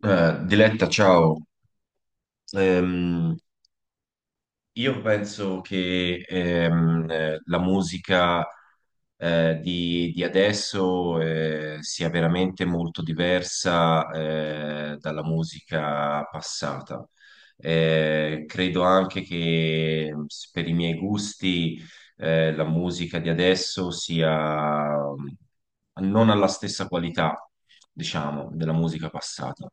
Diletta, ciao. Ehm, io penso che la musica di adesso sia veramente molto diversa dalla musica passata. Credo anche che per i miei gusti la musica di adesso sia non alla stessa qualità, diciamo, della musica passata.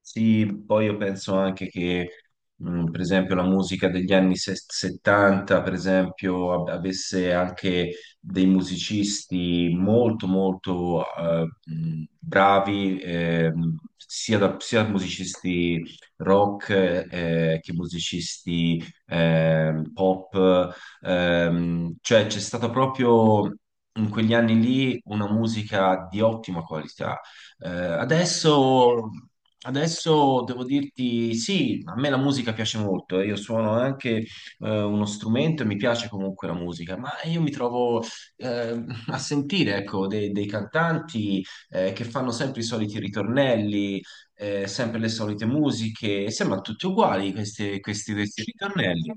Sì, poi io penso anche che, per esempio, la musica degli anni 70, per esempio, avesse anche dei musicisti molto, molto bravi, sia, sia musicisti rock che musicisti pop. Cioè, c'è stata proprio in quegli anni lì una musica di ottima qualità. eh, adesso, Adesso devo dirti, sì, a me la musica piace molto. Io suono anche uno strumento e mi piace comunque la musica, ma io mi trovo a sentire, ecco, dei cantanti che fanno sempre i soliti ritornelli, sempre le solite musiche, e sembrano tutti uguali questi ritornelli.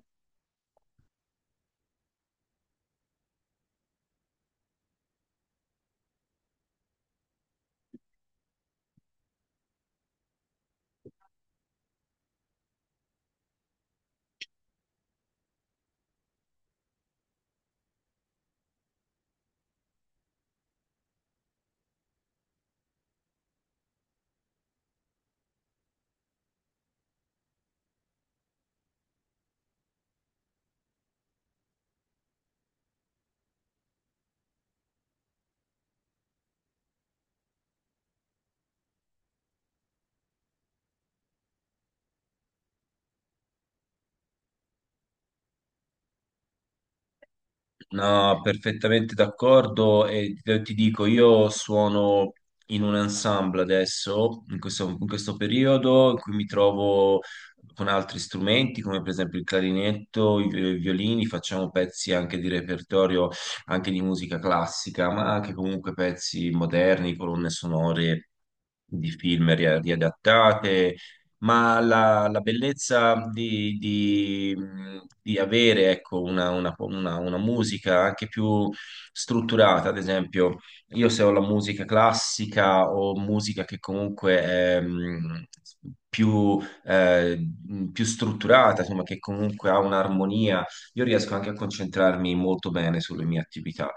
No, perfettamente d'accordo e ti dico, io suono in un ensemble adesso, in questo periodo, in cui mi trovo con altri strumenti, come per esempio il clarinetto, i violini, facciamo pezzi anche di repertorio, anche di musica classica, ma anche comunque pezzi moderni, colonne sonore di film riadattate, ma la bellezza di avere, ecco, una musica anche più strutturata. Ad esempio, io se ho la musica classica o musica che comunque è più, più strutturata, insomma, che comunque ha un'armonia, io riesco anche a concentrarmi molto bene sulle mie attività.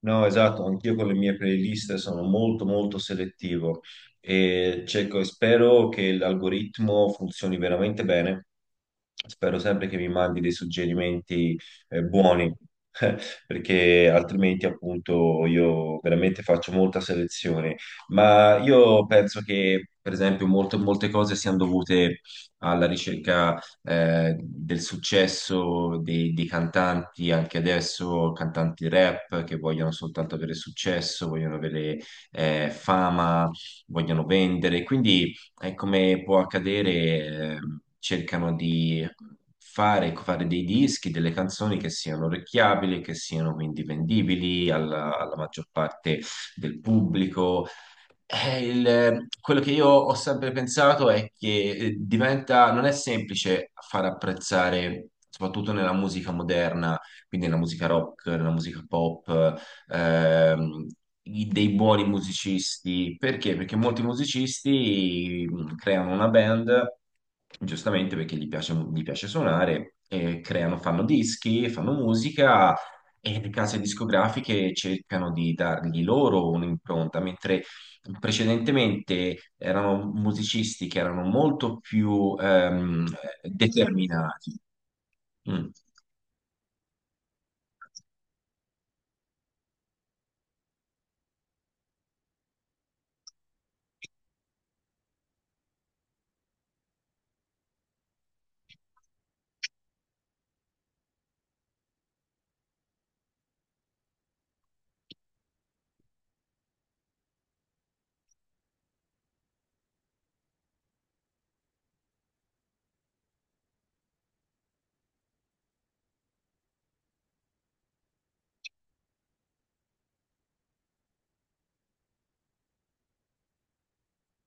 No, esatto, anch'io con le mie playlist sono molto selettivo e cerco e spero che l'algoritmo funzioni veramente bene. Spero sempre che mi mandi dei suggerimenti buoni, perché altrimenti appunto io veramente faccio molta selezione. Ma io penso che, per esempio, molte cose siano dovute alla ricerca del successo dei cantanti anche adesso, cantanti rap che vogliono soltanto avere successo, vogliono avere fama, vogliono vendere, quindi è come può accadere, eh, cercano di fare dei dischi, delle canzoni che siano orecchiabili, che siano quindi vendibili alla alla maggior parte del pubblico. Quello che io ho sempre pensato è che, diventa, non è semplice far apprezzare, soprattutto nella musica moderna, quindi nella musica rock, nella musica pop, ehm, dei buoni musicisti. Perché? Perché molti musicisti creano una band, giustamente perché gli piace suonare, e creano, fanno dischi, fanno musica. E le case discografiche cercano di dargli loro un'impronta, mentre precedentemente erano musicisti che erano molto più determinati. Mm.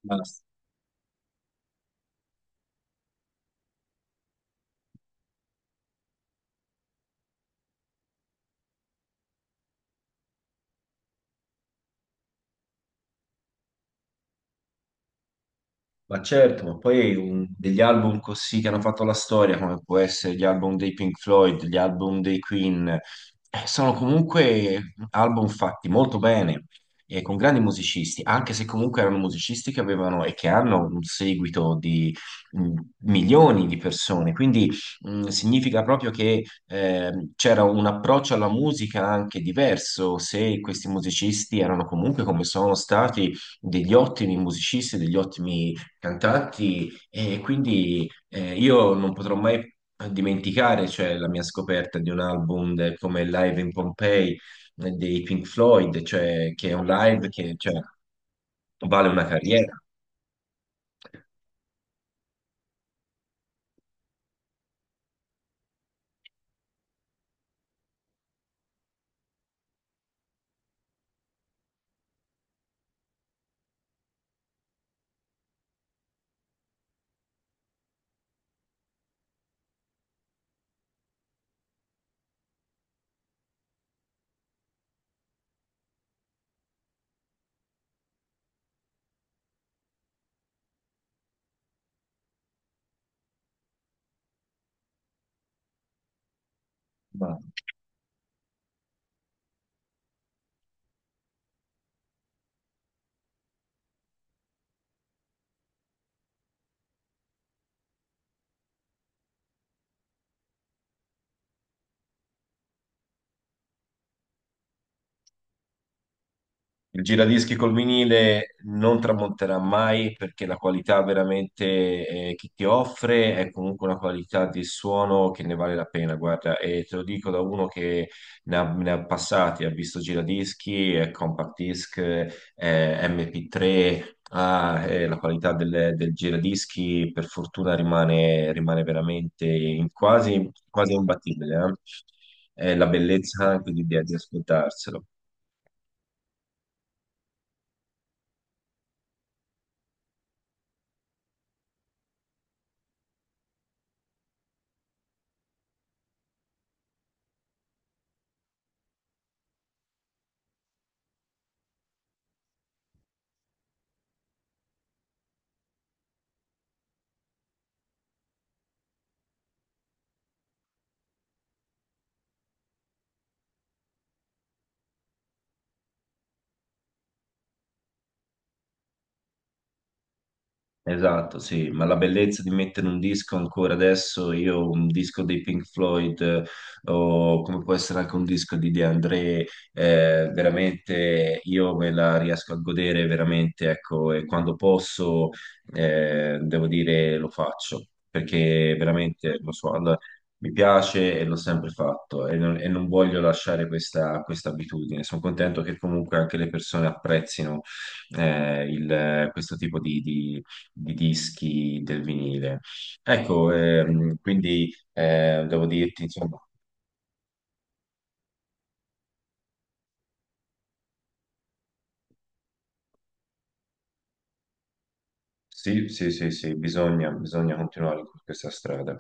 Basta. Ma certo, ma poi degli album così che hanno fatto la storia, come può essere gli album dei Pink Floyd, gli album dei Queen, sono comunque album fatti molto bene e con grandi musicisti, anche se comunque erano musicisti che avevano e che hanno un seguito di mh, milioni di persone. Quindi significa proprio che c'era un approccio alla musica anche diverso, se questi musicisti erano comunque come sono stati degli ottimi musicisti, degli ottimi cantanti. E quindi io non potrò mai dimenticare, cioè, la mia scoperta di un album come Live in Pompeii dei Pink Floyd, cioè, che è un live che, cioè, vale una carriera. Il giradischi col vinile non tramonterà mai, perché la qualità veramente che ti offre è comunque una qualità di suono che ne vale la pena, guarda, e te lo dico da uno che ne ha passati, ha visto giradischi, compact disc, MP3, ah, la qualità del giradischi per fortuna rimane, rimane veramente quasi, quasi imbattibile, eh? È la bellezza anche di ascoltarselo. Esatto, sì, ma la bellezza di mettere un disco ancora adesso, io un disco dei Pink Floyd o come può essere anche un disco di De André, veramente io me la riesco a godere veramente, ecco, e quando posso, devo dire, lo faccio, perché veramente lo so, allora, mi piace e l'ho sempre fatto e non voglio lasciare questa abitudine. Sono contento che comunque anche le persone apprezzino questo tipo di dischi del vinile. Ecco, quindi devo dirti, insomma, sì, sì, sì, sì, bisogna, bisogna continuare in questa strada.